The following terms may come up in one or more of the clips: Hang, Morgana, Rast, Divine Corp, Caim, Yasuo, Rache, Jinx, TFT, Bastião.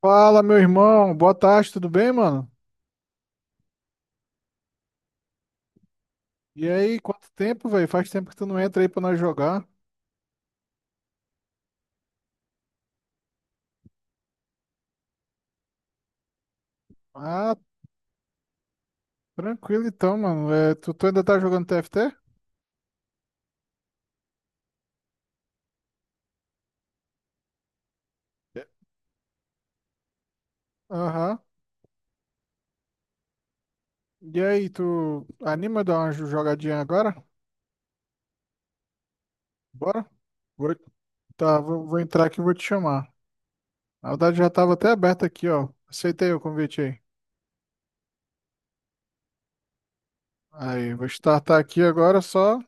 Fala, meu irmão. Boa tarde, tudo bem, mano? E aí, quanto tempo, velho? Faz tempo que tu não entra aí pra nós jogar. Ah, tranquilo então, mano. É, tu ainda tá jogando TFT? É. Aham. E aí, tu anima a dar uma jogadinha agora? Bora? Vou, tá, vou entrar aqui e vou te chamar. Na verdade, já tava até aberto aqui, ó. Aceitei o convite aí. Aí, vou startar aqui agora, só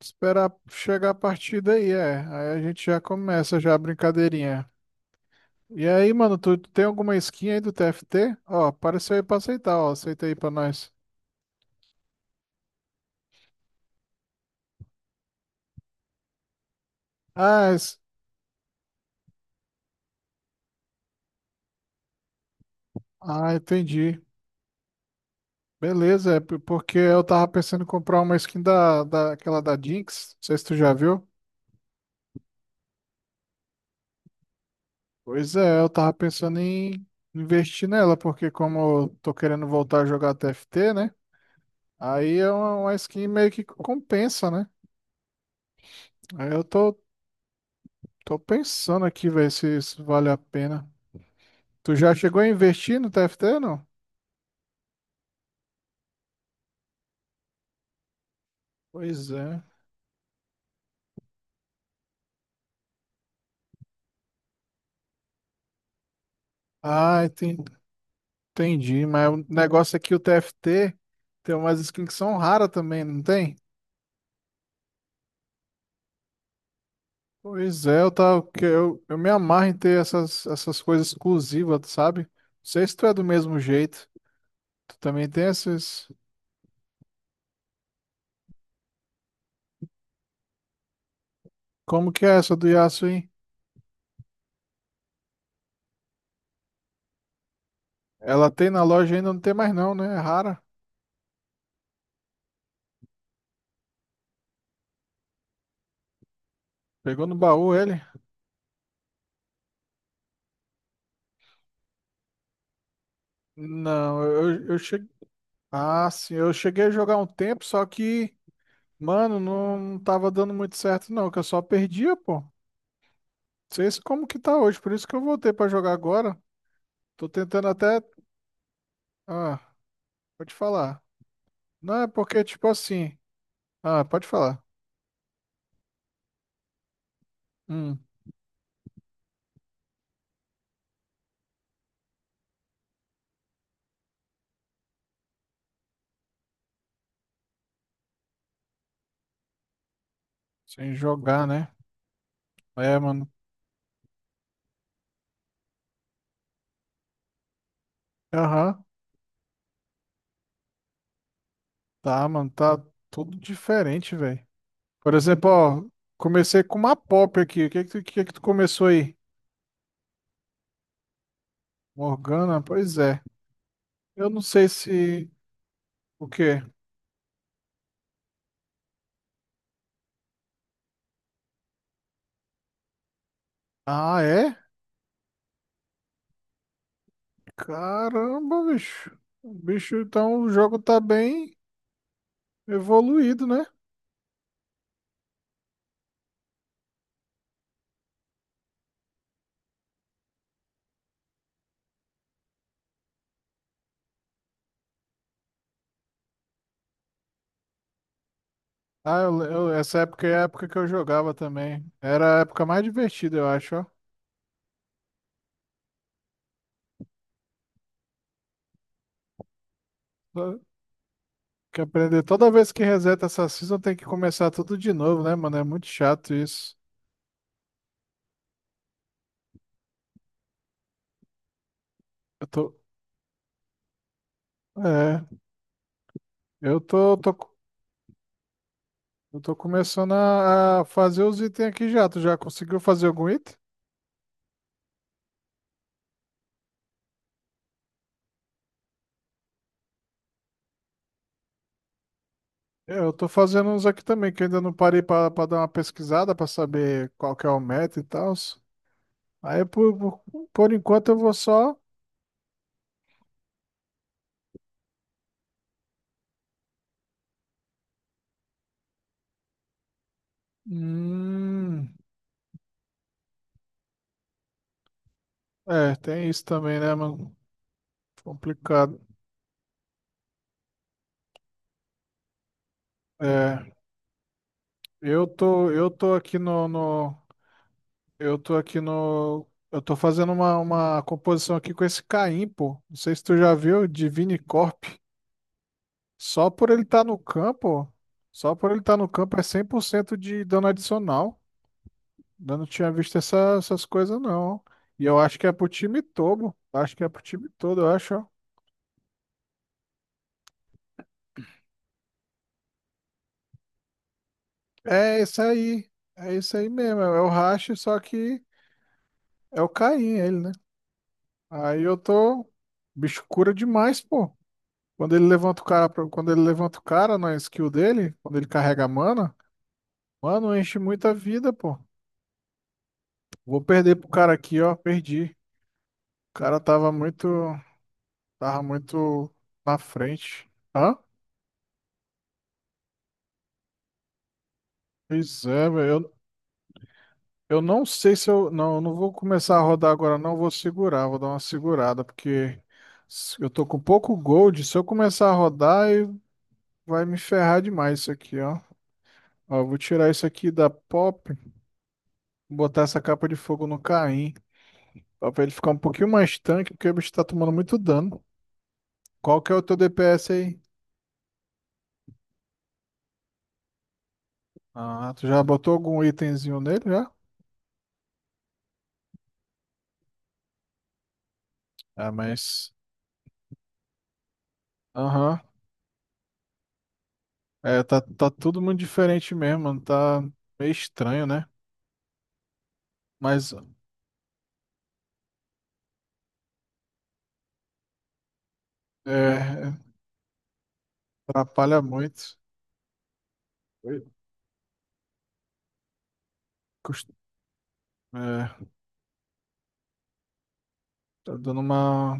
esperar chegar a partida aí, é. Aí a gente já começa já a brincadeirinha. E aí, mano, tu tem alguma skin aí do TFT? Ó, apareceu aí pra aceitar, ó. Aceita aí pra nós. Ah, es- ah, entendi. Beleza, é porque eu tava pensando em comprar uma skin da aquela da Jinx. Não sei se tu já viu. Pois é, eu tava pensando em investir nela, porque como eu tô querendo voltar a jogar TFT, né? Aí é uma skin meio que compensa, né? Aí eu tô pensando aqui, ver se isso vale a pena. Tu já chegou a investir no TFT, não? Pois é. Ah, enten- entendi. Mas o negócio é que o TFT tem umas skins que são raras também, não tem? Pois é, eu, tava, que eu me amarro em ter essas coisas exclusivas, tu sabe? Não sei se tu é do mesmo jeito. Tu também tem essas. Como que é essa do Yasuo, hein? Ela tem na loja ainda, não tem mais não, né? É rara. Pegou no baú ele? Não, eu cheguei. Ah, sim, eu cheguei a jogar um tempo, só que, mano, não tava dando muito certo, não, que eu só perdia, pô. Sei se como que tá hoje, por isso que eu voltei pra jogar agora. Tô tentando até. Ah, pode falar. Não, é porque, tipo assim. Ah, pode falar. Hum, sem jogar, né? É, mano. Aham, tá, mano. Tá tudo diferente, velho. Por exemplo, ó, comecei com uma pop aqui. O que que tu começou aí? Morgana? Pois é. Eu não sei se. O quê? Ah, é? Caramba, bicho. O bicho, então o jogo tá bem evoluído, né? Essa época é a época que eu jogava também. Era a época mais divertida, eu acho, ó. Tô- Que aprender. Toda vez que reseta essa season tem que começar tudo de novo, né, mano? É muito chato isso. Eu tô. É. Eu tô, tô, co- eu tô começando a, fazer os itens aqui já. Tu já conseguiu fazer algum item? É, eu tô fazendo uns aqui também, que eu ainda não parei pra, dar uma pesquisada pra saber qual que é o meta e tal. Aí, por enquanto, eu vou só. Hum, é, tem isso também, né, mano? Complicado. É, eu tô aqui no, eu tô fazendo uma composição aqui com esse Caim, pô. Não sei se tu já viu, Divine Corp. Só por ele estar no campo, só por ele estar no campo é 100% de dano adicional. Eu não tinha visto essas coisas não. E eu acho que é pro time todo, acho que é pro time todo, eu acho, ó. É isso aí. É isso aí mesmo, é o Rache, só que é o Caim, ele né? Aí eu tô. O bicho cura demais, pô. Quando ele levanta o cara, quando ele levanta o cara na skill dele, quando ele carrega a mana, mano, enche muita vida, pô. Vou perder pro cara aqui, ó. Perdi. O cara tava muito. Tava muito na frente. Hã? Pois é, velho. Eu não sei se eu. Não, eu não vou começar a rodar agora, não. Vou segurar, vou dar uma segurada, porque eu tô com pouco gold. Se eu começar a rodar, vai me ferrar demais isso aqui, ó. Ó, eu vou tirar isso aqui da pop, botar essa capa de fogo no Caim, ó, pra ele ficar um pouquinho mais tanque, porque o bicho tá tomando muito dano. Qual que é o teu DPS aí? Ah, tu já botou algum itemzinho nele já? Ah, mas. Aham. É, tá tudo muito diferente mesmo, mano. Tá meio estranho, né? Mas é, atrapalha muito. Oi? Cust- É, tá dando uma.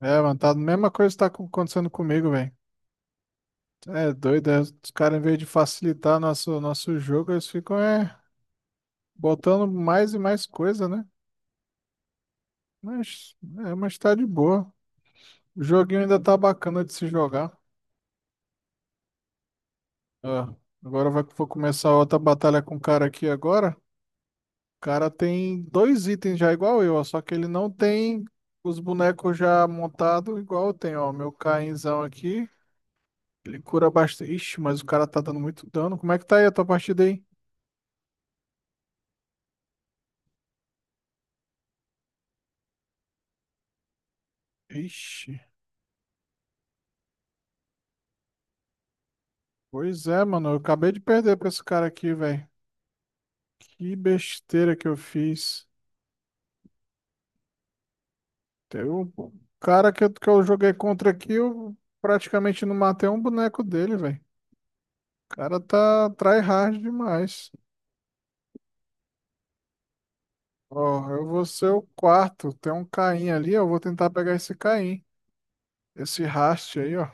É, mano, tá a mesma coisa que tá acontecendo comigo, velho. É doido, é, os caras, em vez de facilitar nosso jogo, eles ficam é, botando mais e mais coisa, né? Mas, é, mas tá de boa. O joguinho ainda tá bacana de se jogar. Ó, agora vai, vou começar outra batalha com o cara aqui agora. O cara tem dois itens já igual eu, ó, só que ele não tem os bonecos já montados igual eu tenho, ó. Meu Cainzão aqui, ele cura bastante. Ixi, mas o cara tá dando muito dano. Como é que tá aí a tua partida aí? Ixi. Pois é, mano. Eu acabei de perder pra esse cara aqui, velho. Que besteira que eu fiz. Teve um cara que eu joguei contra aqui, eu praticamente não matei um boneco dele, velho. O cara tá tryhard demais. Ó, eu vou ser o quarto. Tem um Caim ali, eu vou tentar pegar esse Caim. Esse Rast aí, ó.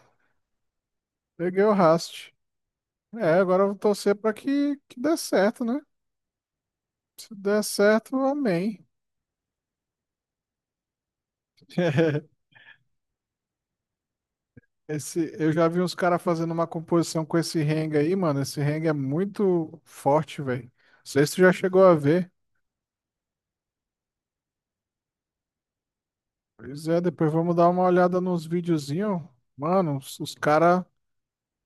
Peguei o Rast. É, agora eu vou torcer pra que dê certo, né? Se der certo, amém. Esse, eu já vi uns caras fazendo uma composição com esse Hang aí, mano. Esse Hang é muito forte, velho. Não sei se tu já chegou a ver. Pois é, depois vamos dar uma olhada nos videozinhos. Mano, os caras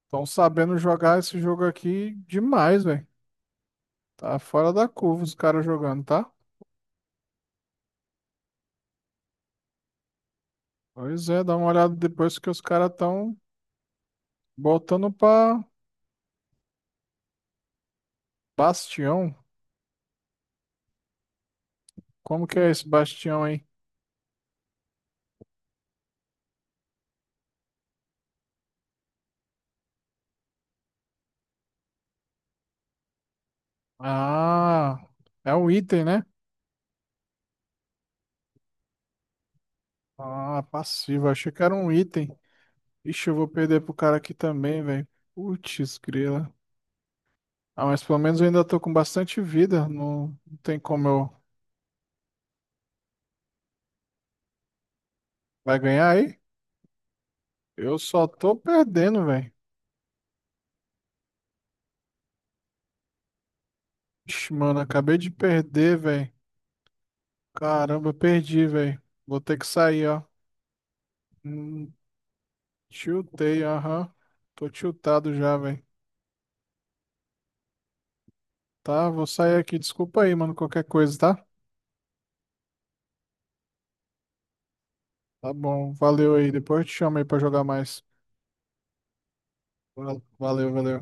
estão sabendo jogar esse jogo aqui demais, velho. Tá fora da curva os caras jogando, tá? Pois é, dá uma olhada depois que os caras estão botando pra Bastião. Como que é esse Bastião aí? Ah, é um item, né? Ah, passivo. Achei que era um item. Ixi, eu vou perder pro cara aqui também, velho. Putz, grila. Ah, mas pelo menos eu ainda tô com bastante vida. Não, não tem como eu. Vai ganhar aí? Eu só tô perdendo, velho. Ixi, mano, acabei de perder, velho. Caramba, perdi, velho. Vou ter que sair, ó. Hum, tiltei, aham. Tô tiltado já, velho. Tá, vou sair aqui. Desculpa aí, mano, qualquer coisa, tá? Tá bom, valeu aí. Depois eu te chamo aí pra jogar mais. Valeu, valeu.